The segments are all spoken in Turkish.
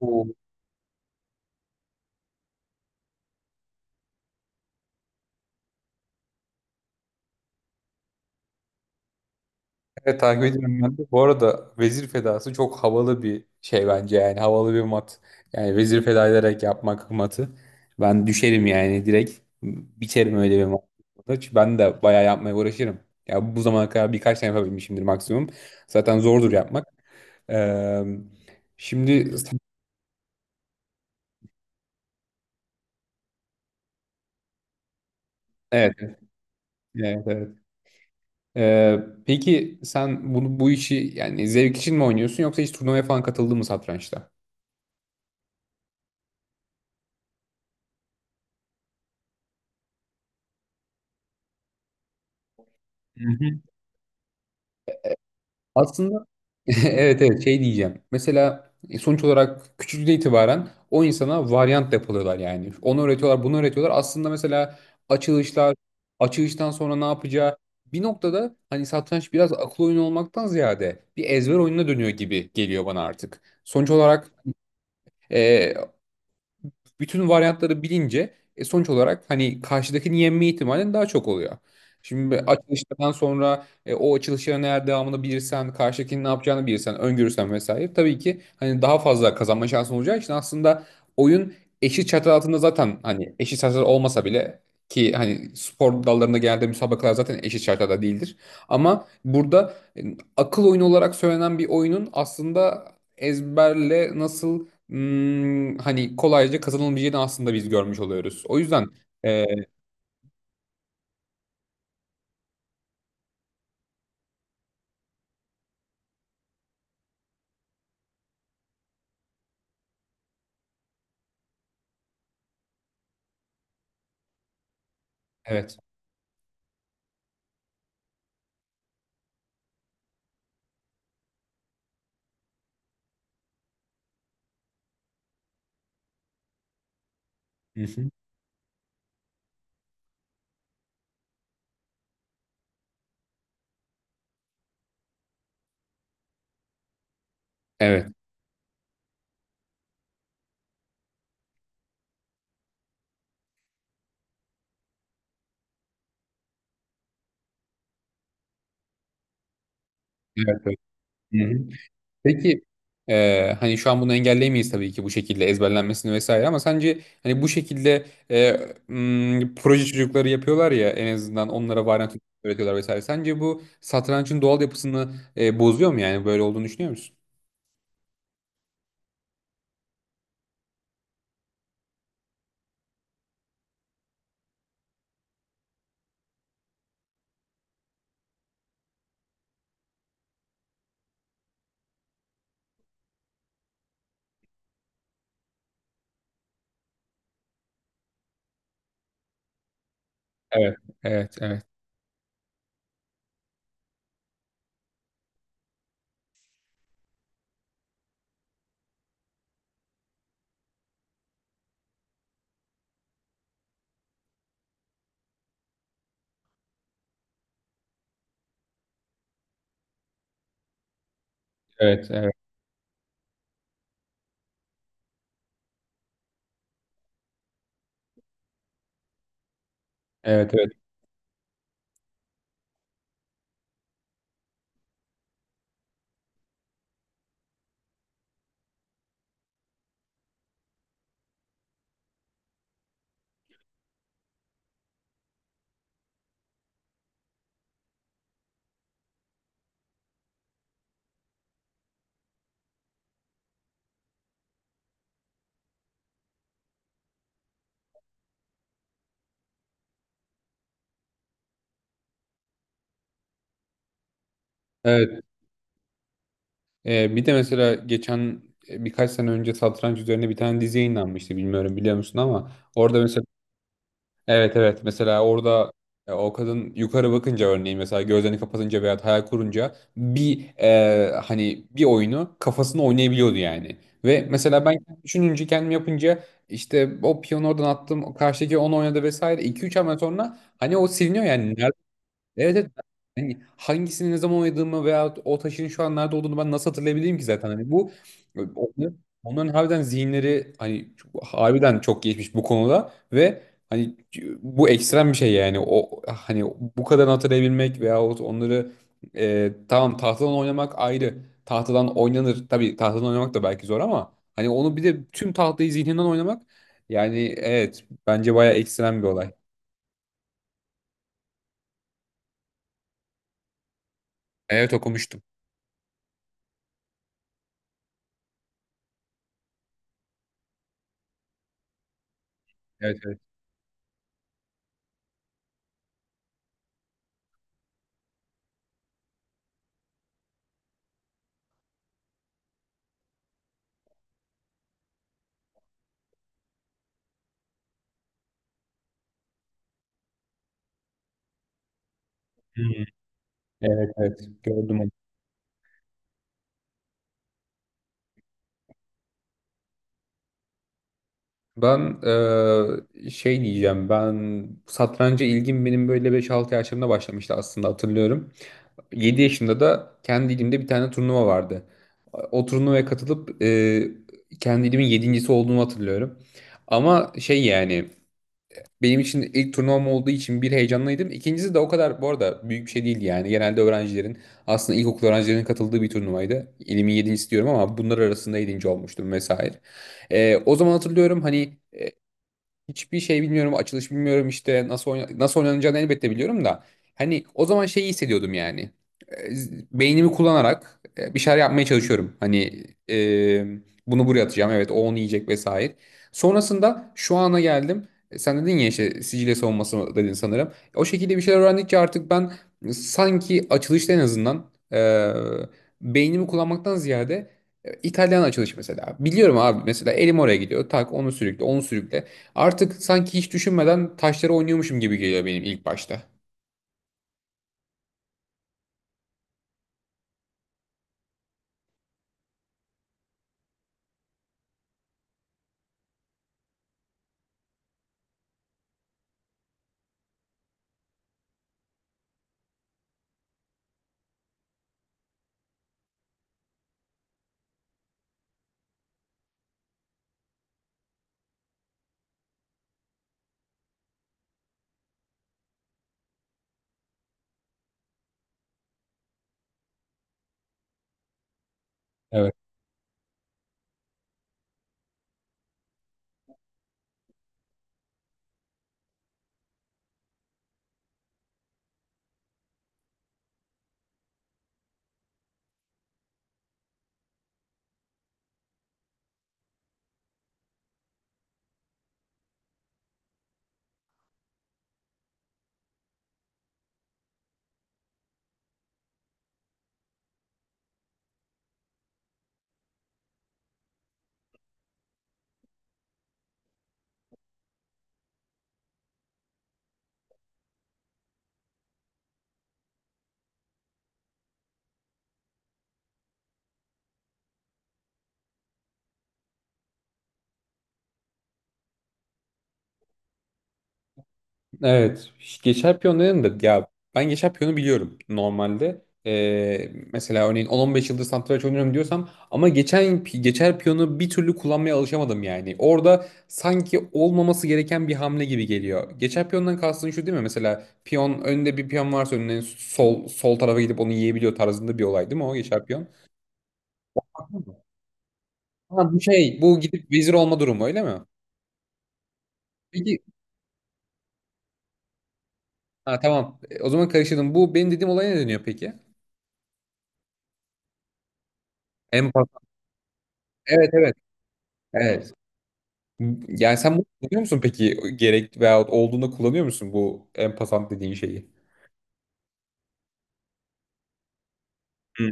Oo. Evet takip ediyorum ben de. Bu arada Vezir Fedası çok havalı bir şey bence yani havalı bir mat. Yani Vezir Feda ederek yapmak matı. Ben düşerim yani direkt biterim öyle bir mat. Çünkü ben de bayağı yapmaya uğraşırım. Ya bu zamana kadar birkaç tane yapabilmişimdir maksimum. Zaten zordur yapmak. Ee, şimdi. Evet, evet, evet. Ee, peki sen bunu bu işi yani zevk için mi oynuyorsun yoksa hiç turnuvaya falan katıldın mı satrançta? Aslında evet, evet, şey diyeceğim. Mesela sonuç olarak küçüklükten itibaren o insana varyant depoluyorlar yani. Onu öğretiyorlar, bunu öğretiyorlar. Aslında mesela açılışlar, açılıştan sonra ne yapacağı bir noktada hani satranç biraz akıl oyunu olmaktan ziyade bir ezber oyununa dönüyor gibi geliyor bana artık. Sonuç olarak e, bütün varyantları bilince sonuç olarak hani karşıdakini yenme ihtimalin daha çok oluyor. Şimdi açılıştan sonra o açılışların eğer devamını bilirsen, karşıdakinin ne yapacağını bilirsen, öngörürsen vesaire tabii ki hani daha fazla kazanma şansın olacağı için aslında oyun eşit çatı altında zaten hani eşit çatı olmasa bile ki hani spor dallarında genelde müsabakalar zaten eşit şartlarda değildir. Ama burada akıl oyunu olarak söylenen bir oyunun aslında ezberle nasıl hani kolayca kazanılmayacağını aslında biz görmüş oluyoruz. O yüzden e, evet. Hı hı. Evet. Evet. Evet. Hı hı. Peki hani şu an bunu engelleyemeyiz tabii ki bu şekilde ezberlenmesini vesaire ama sence hani bu şekilde proje çocukları yapıyorlar ya en azından onlara varyant öğretiyorlar vesaire. Sence bu satrançın doğal yapısını bozuyor mu yani böyle olduğunu düşünüyor musun? Evet, evet, evet, evet, evet, evet, evet. Evet. Bir de mesela geçen birkaç sene önce satranç üzerine bir tane dizi yayınlanmıştı, bilmiyorum biliyor musun, ama orada mesela evet, evet, mesela orada o kadın yukarı bakınca örneğin mesela gözlerini kapatınca veya hayal kurunca bir hani bir oyunu kafasında oynayabiliyordu yani. Ve mesela ben düşününce kendim yapınca işte o piyonu oradan attım o karşıdaki onu oynadı vesaire iki üç hamle sonra hani o siliniyor yani. Evet, evet. Yani hangisini ne zaman oynadığımı veya o taşın şu an nerede olduğunu ben nasıl hatırlayabileyim ki zaten. Hani bu e, onların, onların harbiden zihinleri hani harbiden çok geçmiş bu konuda ve hani bu ekstrem bir şey yani o hani bu kadar hatırlayabilmek veyahut onları tamam tahtadan oynamak ayrı. Tahtadan oynanır. Tabii tahtadan oynamak da belki zor ama hani onu bir de tüm tahtayı zihninden oynamak yani evet bence bayağı ekstrem bir olay. Evet, okumuştum. Evet, evet. Evet, evet, gördüm onu. Ben şey diyeceğim, ben satranca ilgim benim böyle beş 6 yaşlarımda başlamıştı aslında hatırlıyorum. Yedi yaşımda da kendi ilimde bir tane turnuva vardı. O turnuvaya katılıp kendi ilimin 7.'si olduğumu hatırlıyorum. Ama şey yani benim için ilk turnuvam olduğu için bir heyecanlıydım. İkincisi de o kadar bu arada büyük bir şey değildi yani. Genelde öğrencilerin aslında ilkokul öğrencilerinin katıldığı bir turnuvaydı. İlimin yedincisi diyorum ama bunlar arasında yedinci olmuştum vesaire. O zaman hatırlıyorum hani hiçbir şey bilmiyorum, açılış bilmiyorum, işte nasıl oynanacağını elbette biliyorum da hani o zaman şeyi hissediyordum yani. Beynimi kullanarak bir şeyler yapmaya çalışıyorum. Hani e, bunu buraya atacağım. Evet, o onu yiyecek vesaire. Sonrasında şu ana geldim. Sen dedin ya işte Sicilya savunması dedin sanırım. O şekilde bir şeyler öğrendikçe artık ben sanki açılışta en azından beynimi kullanmaktan ziyade İtalyan açılış mesela. Biliyorum abi, mesela elim oraya gidiyor. Tak, onu sürükle, onu sürükle. Artık sanki hiç düşünmeden taşları oynuyormuşum gibi geliyor benim ilk başta. Evet. Evet. Geçer piyon dedim de ya, ben geçer piyonu biliyorum normalde. Mesela örneğin 10-15 yıldır satranç oynuyorum diyorsam ama geçen geçer piyonu bir türlü kullanmaya alışamadım yani. Orada sanki olmaması gereken bir hamle gibi geliyor. Geçer piyondan kastın şu değil mi? Mesela piyon önünde bir piyon varsa önüne sol sol tarafa gidip onu yiyebiliyor tarzında bir olay değil mi o geçer piyon? Ha, bu şey, bu gidip vezir olma durumu öyle mi? Peki, ha, tamam. O zaman karıştırdım. Bu benim dediğim olaya ne deniyor peki? En Evet, evet. Evet. Yani sen bunu kullanıyor musun peki? Gerek veyahut olduğunda kullanıyor musun bu en dediğin şeyi? Hı.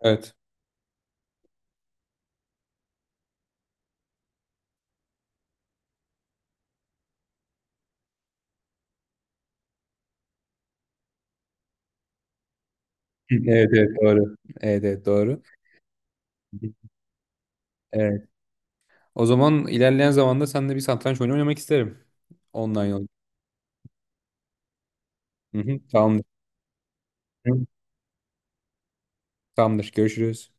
Evet. Hı, evet, evet, doğru. Evet, evet, doğru. Evet. O zaman ilerleyen zamanda seninle bir satranç oyunu oynamak isterim. Online olarak. Hı hı. Tamamdır. Hı. Tamamdır. Görüşürüz.